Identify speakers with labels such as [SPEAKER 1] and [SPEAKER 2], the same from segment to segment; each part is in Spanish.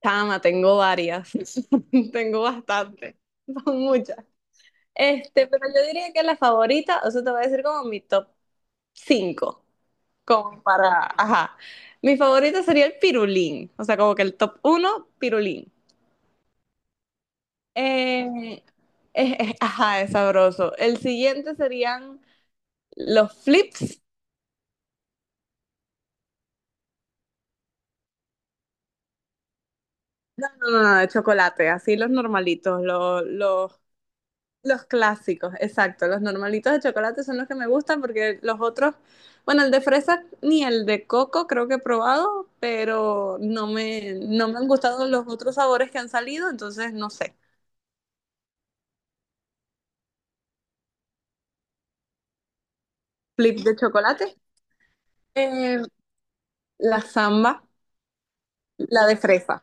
[SPEAKER 1] Tama, tengo varias, tengo bastante, son muchas. Pero yo diría que la favorita, o sea, te voy a decir como mi top 5, como para, ajá. Mi favorita sería el pirulín, o sea, como que el top uno, pirulín. Eh, ajá, es sabroso. El siguiente serían los flips. No, no, no, de chocolate, así los normalitos, los. Los clásicos, exacto. Los normalitos de chocolate son los que me gustan porque los otros, bueno, el de fresa ni el de coco creo que he probado, pero no me han gustado los otros sabores que han salido, entonces no sé. Flip de chocolate, eh, la samba, la de fresa,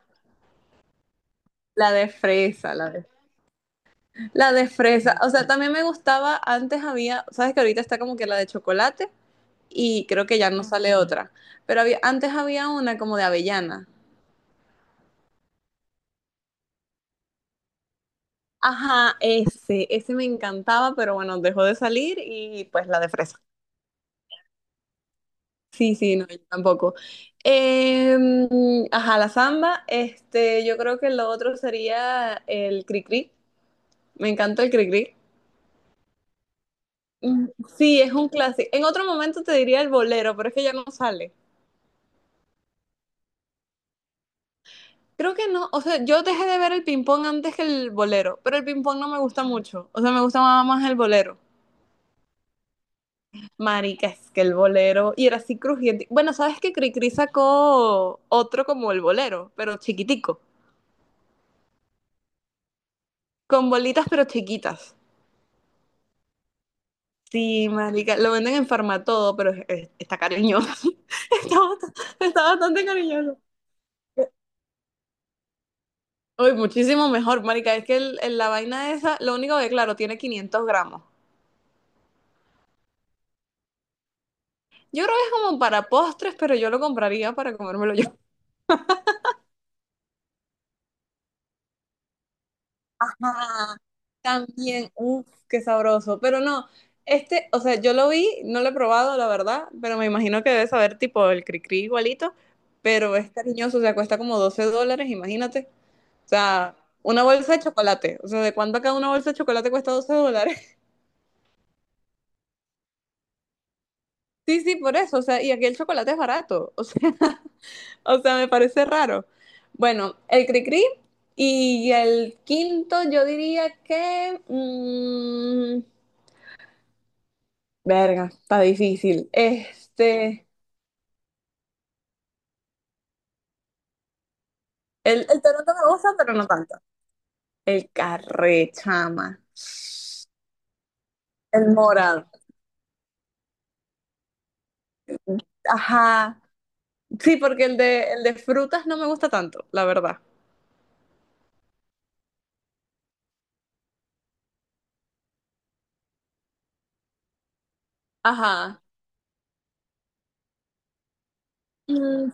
[SPEAKER 1] la de fresa, la de fresa. O sea, también me gustaba, antes había, sabes que ahorita está como que la de chocolate y creo que ya no sale otra, pero había, antes había una como de avellana. Ajá, ese me encantaba, pero bueno, dejó de salir y pues la de fresa. Sí, sí, no, yo tampoco. Ajá, la samba, yo creo que lo otro sería el cri-cri. Me encanta el cri-cri. Mm, sí, es un clásico. En otro momento te diría el bolero, pero es que ya no sale. Creo que no, o sea, yo dejé de ver el ping-pong antes que el bolero, pero el ping-pong no me gusta mucho, o sea, me gusta más el bolero. Marica, es que el bolero. Y era así crujiente. Bueno, ¿sabes que Cricri sacó otro como el bolero, pero chiquitico? Con bolitas, pero chiquitas. Sí, marica. Lo venden en Farmatodo, pero está cariñoso. Está, bast- Está bastante cariñoso. Uy, muchísimo mejor, marica. Es que la vaina esa, lo único que, claro, tiene 500 gramos. Yo creo que es como para postres, pero yo lo compraría para comérmelo yo. También, uff, qué sabroso. Pero no, o sea, yo lo vi, no lo he probado, la verdad, pero me imagino que debe saber tipo el cri-cri igualito, pero es cariñoso, o sea, cuesta como $12, imagínate. O sea, una bolsa de chocolate. O sea, ¿de cuánto acá una bolsa de chocolate cuesta $12? Sí, sí, por eso. O sea, y aquí el chocolate es barato. O sea, o sea, me parece raro. Bueno, el cri-cri y el quinto, yo diría que... mm, verga, está difícil. El Toronto me gusta, pero no tanto. El Carré, chama. El morado. Ajá. Sí, porque el de frutas no me gusta tanto, la verdad. Ajá. Mm,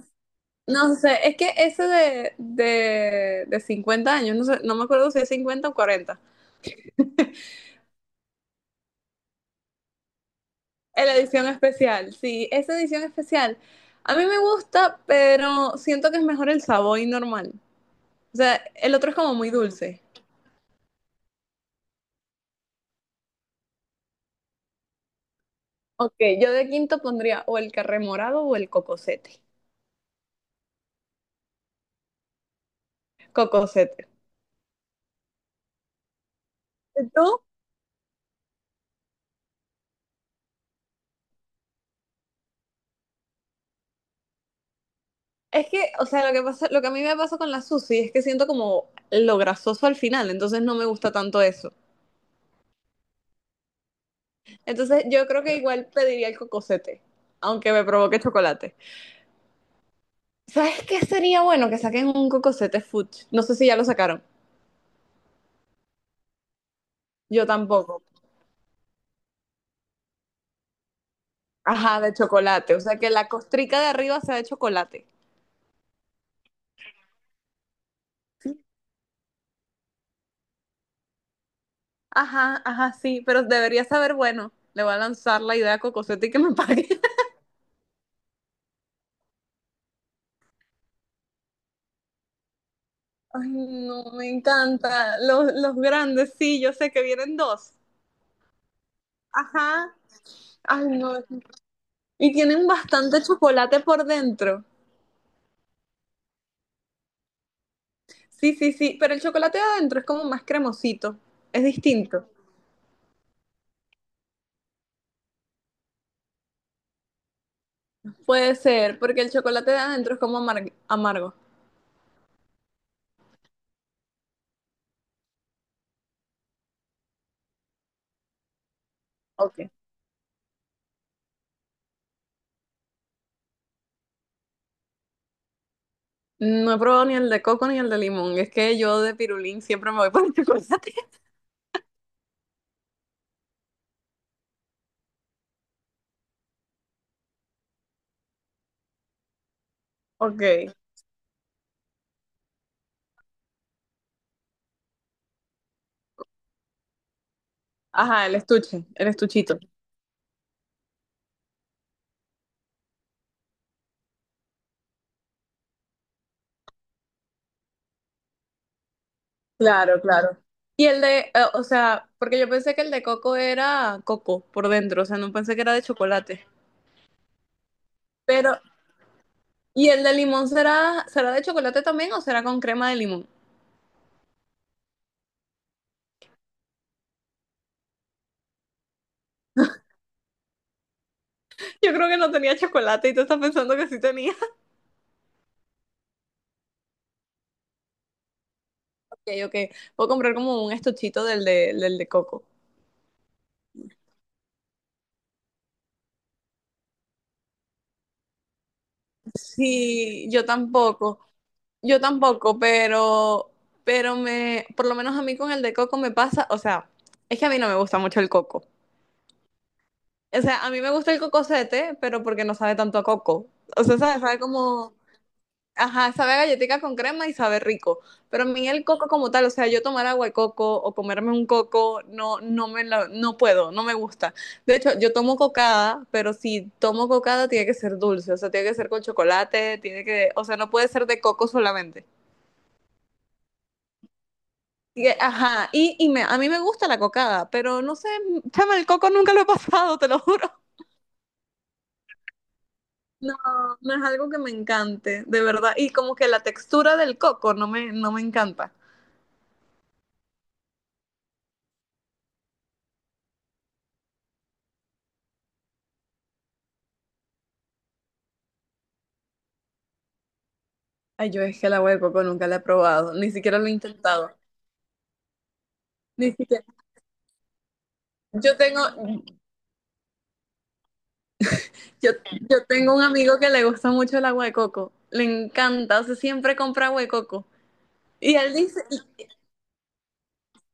[SPEAKER 1] no sé, es que ese de 50 años, no sé, no me acuerdo si es 50 o 40. La edición especial, sí, esa edición especial. A mí me gusta, pero siento que es mejor el Savoy normal. O sea, el otro es como muy dulce. Ok, yo de quinto pondría o el carré morado o el cocosete. Cocosete. ¿Y tú? Es que, o sea, lo que pasa, lo que a mí me pasa con la sushi es que siento como lo grasoso al final, entonces no me gusta tanto eso. Entonces yo creo que igual pediría el cocosete, aunque me provoque chocolate. ¿Sabes qué sería bueno que saquen un cocosete fudge? No sé si ya lo sacaron. Yo tampoco. Ajá, de chocolate. O sea, que la costrica de arriba sea de chocolate. Ajá, ajá, sí, pero debería saber, bueno, le voy a lanzar la idea a Cocosete y que me pague. Ay, no, me encanta. Los grandes, sí, yo sé que vienen dos. Ajá. Ay, no. Y tienen bastante chocolate por dentro. Sí, sí, sí, pero el chocolate de adentro es como más cremosito. Es distinto. Puede ser, porque el chocolate de adentro es como amargo. Ok. No he probado ni el de coco ni el de limón. Es que yo de pirulín siempre me voy por el chocolate. Ok. Ajá, el estuche, el estuchito. Claro, claro. Y el de, o sea, porque yo pensé que el de coco era coco por dentro, o sea, no pensé que era de chocolate. Pero, ¿y el de limón será de chocolate también o será con crema de limón? Yo creo que no tenía chocolate y tú estás pensando que sí tenía. Ok, ok. Puedo comprar como un estuchito del de coco. Sí, yo tampoco. Yo tampoco, pero por lo menos a mí con el de coco me pasa, o sea, es que a mí no me gusta mucho el coco. O sea, a mí me gusta el cocosete, pero porque no sabe tanto a coco. O sea, sabe como, ajá, sabe a galletica con crema y sabe rico. Pero a mí el coco como tal, o sea, yo tomar agua de coco o comerme un coco, no, no puedo, no me gusta. De hecho, yo tomo cocada, pero si tomo cocada tiene que ser dulce, o sea, tiene que ser con chocolate, tiene que, o sea, no puede ser de coco solamente. Y, ajá, y a mí me gusta la cocada, pero no sé, chama, el coco nunca lo he pasado, te lo juro. No, no es algo que me encante, de verdad. Y como que la textura del coco no me encanta. Ay, yo es que el agua de coco nunca la he probado, ni siquiera lo he intentado. Ni siquiera. Yo tengo, yo, yo tengo un amigo que le gusta mucho el agua de coco. Le encanta, o sea, siempre compra agua de coco. Y él dice,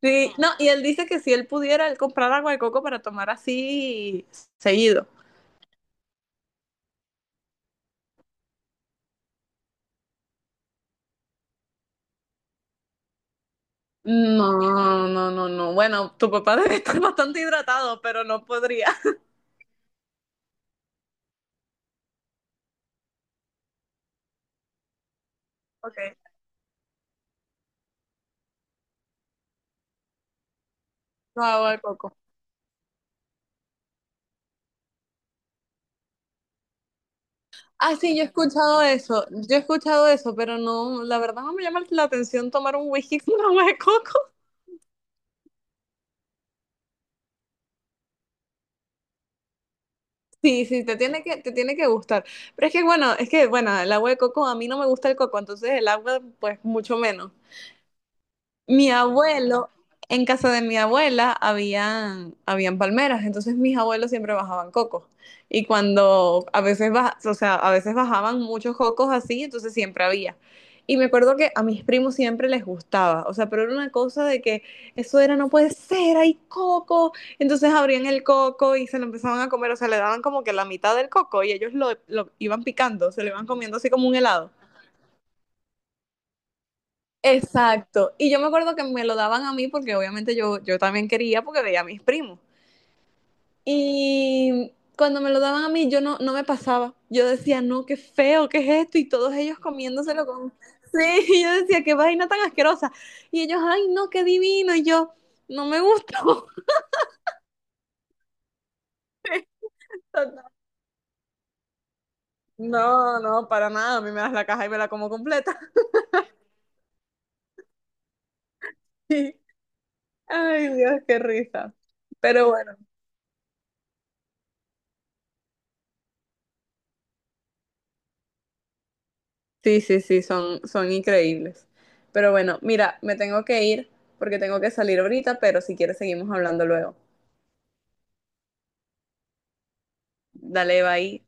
[SPEAKER 1] sí, no, y él dice que si él pudiera, él comprar agua de coco para tomar así seguido. No, no, no, no. Bueno, tu papá debe estar bastante hidratado, pero no podría. Ok, no, agua de coco. Ah, sí, yo he escuchado eso, yo he escuchado eso, pero no, la verdad no me llama la atención tomar un whisky con agua de coco. Sí, sí, te tiene que gustar. Pero es que, bueno, el agua de coco, a mí no me gusta el coco, entonces el agua, pues, mucho menos. Mi abuelo, en casa de mi abuela habían palmeras, entonces mis abuelos siempre bajaban cocos. Y cuando a veces, o sea, a veces bajaban muchos cocos así, entonces siempre había. Y me acuerdo que a mis primos siempre les gustaba, o sea, pero era una cosa de que eso era, no puede ser, hay coco. Entonces abrían el coco y se lo empezaban a comer, o sea, le daban como que la mitad del coco y ellos lo iban picando, se lo iban comiendo así como un helado. Exacto. Y yo me acuerdo que me lo daban a mí porque obviamente yo también quería porque veía a mis primos. Y cuando me lo daban a mí yo no me pasaba. Yo decía, no, qué feo, qué es esto. Y todos ellos comiéndoselo con. Sí, y yo decía, qué vaina tan asquerosa. Y ellos, ay, no, qué divino. Y yo, no me gustó. No, no, para nada. A mí me das la caja y me la como completa. Ay, Dios, qué risa. Pero bueno. Sí, sí, sí, son increíbles. Pero bueno, mira, me tengo que ir porque tengo que salir ahorita, pero si quieres seguimos hablando luego. Dale, bye.